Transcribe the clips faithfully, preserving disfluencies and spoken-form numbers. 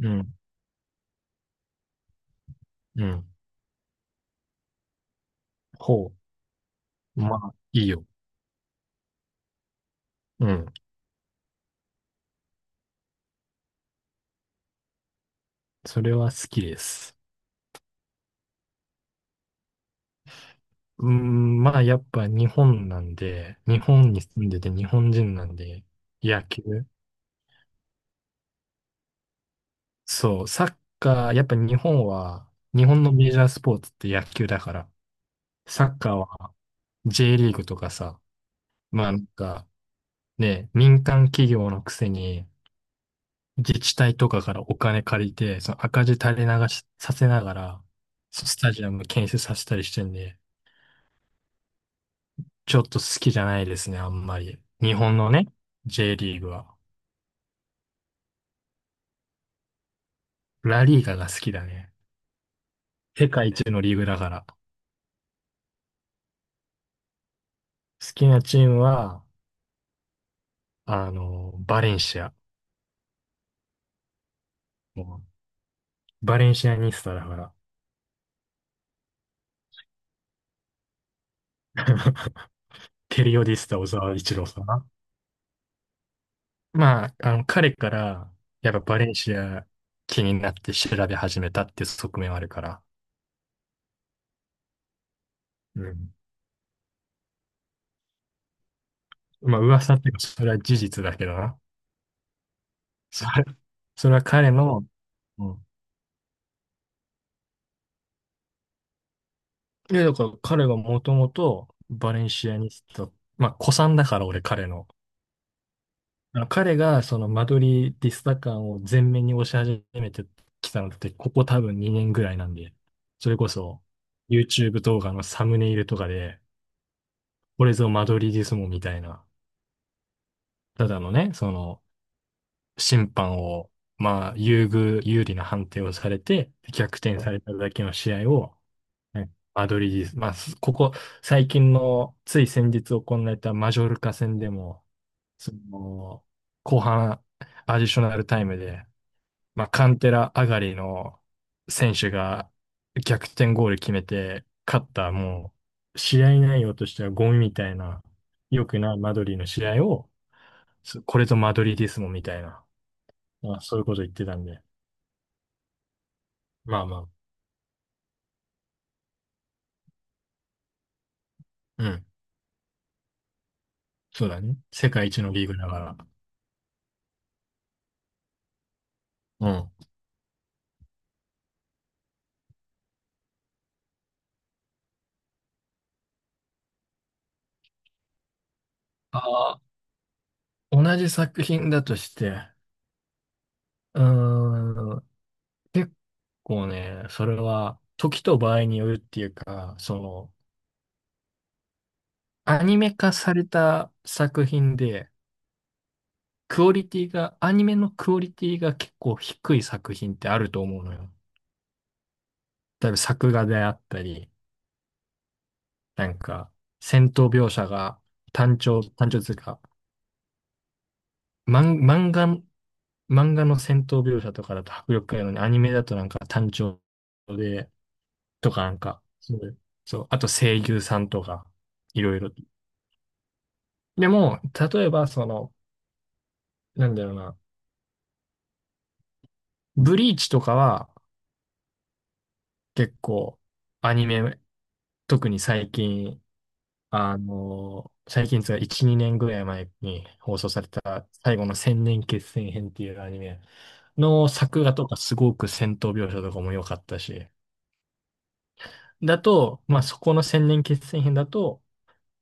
うん、うん。ほう。まあ、いいよ。うん。それは好きです。うん、まあ、やっぱ日本なんで、日本に住んでて日本人なんで、野球。そう、サッカー、やっぱ日本は、日本のメジャースポーツって野球だから、サッカーは J リーグとかさ、まあなんかね、民間企業のくせに、自治体とかからお金借りて、その赤字垂れ流しさせながら、スタジアム建設させたりしてんで、ちょっと好きじゃないですね、あんまり。日本のね、J リーグは。ラリーガが好きだね。世界一のリーグだから。好きなチームは、あの、バレンシア。もうバレンシアニスタだから。ペリオディスタ小沢一郎さん。まあ、あの、彼から、やっぱバレンシア気になって調べ始めたっていう側面はあるから。うん。まあ、噂っていうか、それは事実だけどな。それ、それは彼の、うん。いや、だから彼がもともとバレンシアニスタ、まあ、古参だから俺彼の。あの彼がそのマドリーディスタ感を前面に押し始めてきたのって、ここ多分にねんぐらいなんで、それこそ YouTube 動画のサムネイルとかで、これぞマドリーディスモみたいな、ただのね、その審判を、まあ、優遇、有利な判定をされて、逆転されただけの試合を、はいマドリーです。まあ、すここ、最近の、つい先日行われたマジョルカ戦でも、その、後半、アディショナルタイムで、まあ、カンテラ上がりの選手が逆転ゴール決めて、勝った、もう、試合内容としてはゴミみたいな、良くないマドリーの試合を、すこれぞマドリーディスモみたいな、まあ、そういうこと言ってたんで、まあまあ、うん、そうだね。世界一のリーグだから。うん。あ、同じ作品だとして、うーん、結構ね、それは時と場合によるっていうか、その、アニメ化された作品で、クオリティが、アニメのクオリティが結構低い作品ってあると思うのよ。例えば作画であったり、なんか、戦闘描写が単調、単調というか、漫漫画、漫画の戦闘描写とかだと迫力があるのに、アニメだとなんか単調で、とかなんか、そういうそう、あと声優さんとか、いろいろ。でも、例えばその、なんだろうな、ブリーチとかは結構アニメ、特に最近、あの、最近つうかいち、にねんぐらい前に放送された最後の千年決戦編っていうアニメの作画とかすごく戦闘描写とかも良かったし、だと、まあそこの千年決戦編だと、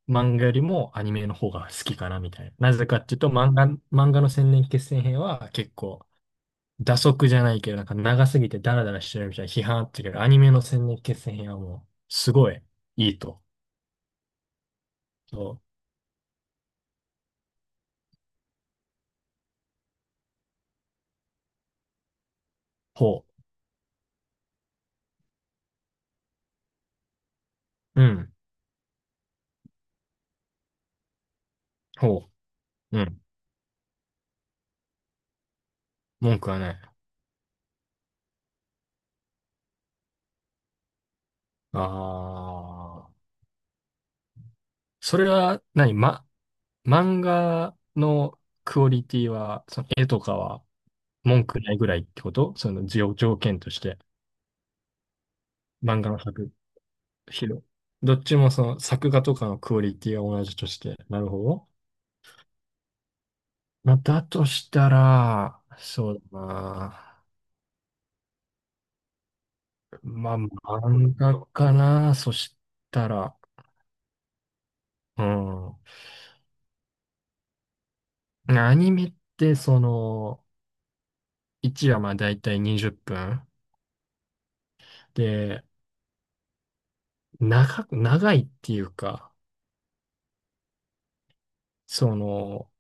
漫画よりもアニメの方が好きかなみたいな。なぜかっていうと、漫画、漫画の千年決戦編は結構、蛇足じゃないけど、なんか長すぎてダラダラしてるみたいな批判あったけど、アニメの千年決戦編はもう、すごいいいと。そう。ほう。うん。ほう。うん。文句はない。ああ。それは何、ま、漫画のクオリティは、その絵とかは文句ないぐらいってことその条条件として、漫画の作ひど、どっちもその作画とかのクオリティは同じとして。なるほど。まあ、だとしたら、そうだな。まあ、漫画かな。そしたら、うん。アニメって、その、いちわまあ大体にじゅっぷん。で、長く、長いっていうか、その、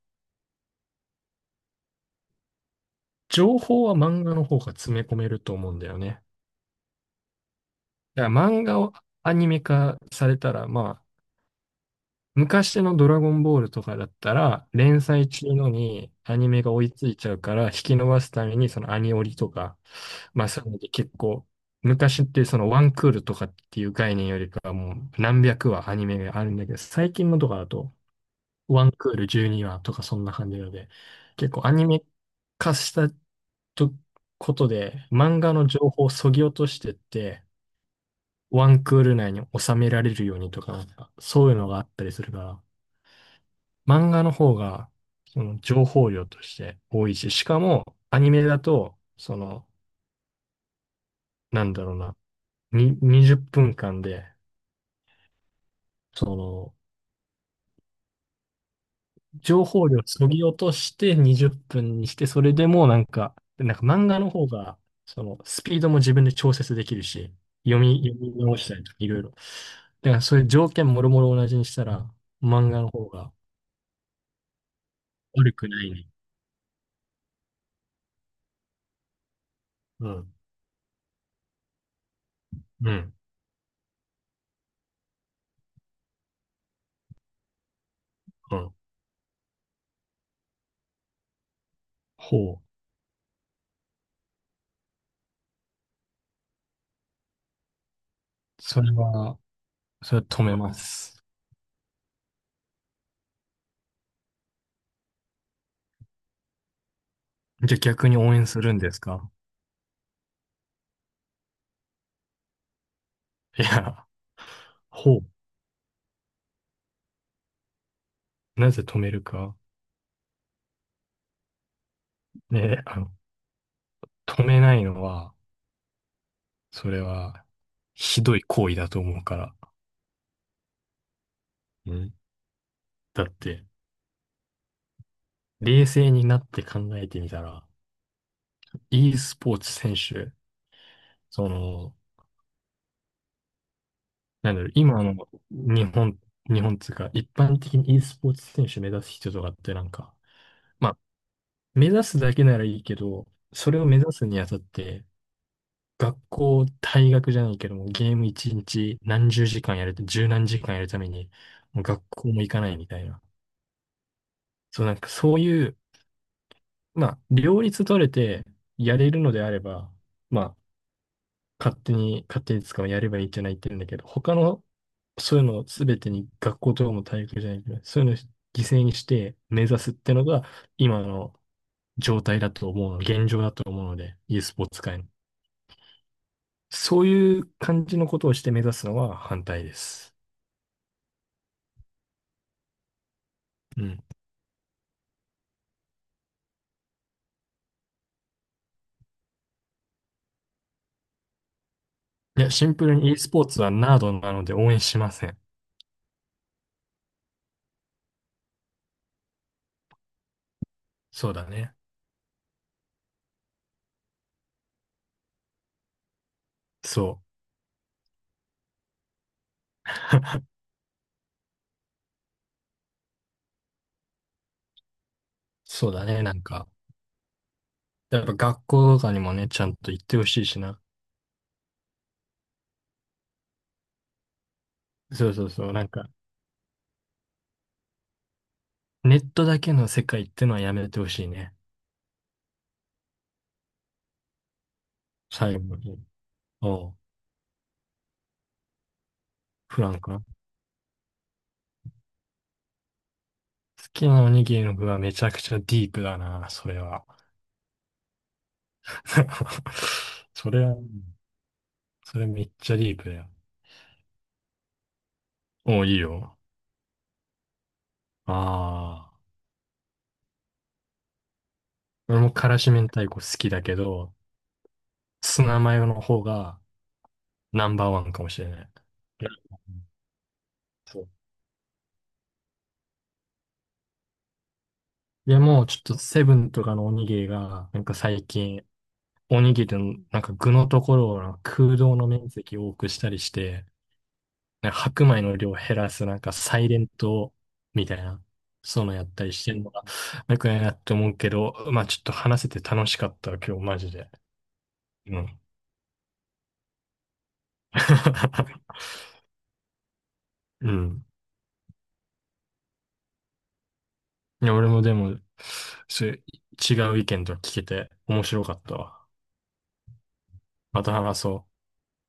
情報は漫画の方が詰め込めると思うんだよね。だから漫画をアニメ化されたら、ま、昔のドラゴンボールとかだったら、連載中のにアニメが追いついちゃうから、引き伸ばすために、そのアニオリとか、まあそういうので結構、昔ってそのワンクールとかっていう概念よりかはもう何百話アニメがあるんだけど、最近のとかだと、ワンクールじゅうにわとかそんな感じなので、結構アニメ化したとことで、漫画の情報を削ぎ落としてって、ワンクール内に収められるようにとか、なんかそういうのがあったりするから、漫画の方が、その情報量として多いし、しかもアニメだと、その、なんだろうな、に、にじゅっぷんかんで、その、情報量そぎ落としてにじゅっぷんにして、それでもなんか、なんか漫画の方が、その、スピードも自分で調節できるし、読み、読み直したりとかいろいろ。だからそういう条件もろもろ同じにしたら、漫画の方が悪くないね。うん。うん。うん。ほう。それは、それは止めます。じゃあ逆に応援するんですか？いや、ほう。なぜ止めるか。ね、あの、止めないのは、それは、ひどい行為だと思うから。うん。だって、冷静になって考えてみたら、e スポーツ選手、その、なんだろう、今の日本、日本っていうか、一般的に e スポーツ選手目指す人とかってなんか、まあ、目指すだけならいいけど、それを目指すにあたって、学校、退学じゃないけども、ゲーム一日何十時間やると、十何時間やるために、もう学校も行かないみたいな。そう、なんかそういう、まあ、両立取れてやれるのであれば、まあ、勝手に、勝手に使うやればいいんじゃないって言うんだけど、他の、そういうのを全てに学校とかも体育じゃないけど、そういうのを犠牲にして目指すってのが、今の状態だと思うの、現状だと思うので、e スポーツ界の。そういう感じのことをして目指すのは反対です。うん。いや、シンプルに e スポーツはナードなので応援しません。そうだね。そう。そうだね、なんか。やっぱ学校とかにもね、ちゃんと行ってほしいしな。そうそうそう。なんか、ネットだけの世界ってのはやめてほしいね。最後に。おう、フランクな。好きなおにぎりの具はめちゃくちゃディープだな、それは。それは、それめっちゃディープだよ。おう、いいよ。ああ。俺も辛子明太子好きだけど、ツナマヨの方がナンバーワンかもしれない。いや、そういや、もうちょっとセブンとかのおにぎりが、なんか最近、おにぎりのなんか具のところをなんか空洞の面積を多くしたりして、なんか白米の量を減らすなんかサイレントみたいな、そういうのやったりしてるのが、よくないなって思うけど、まあちょっと話せて楽しかったわ今日マジで。うん。うん。いや、俺もでも、そういう違う意見とか聞けて面白かったわ。また話そう。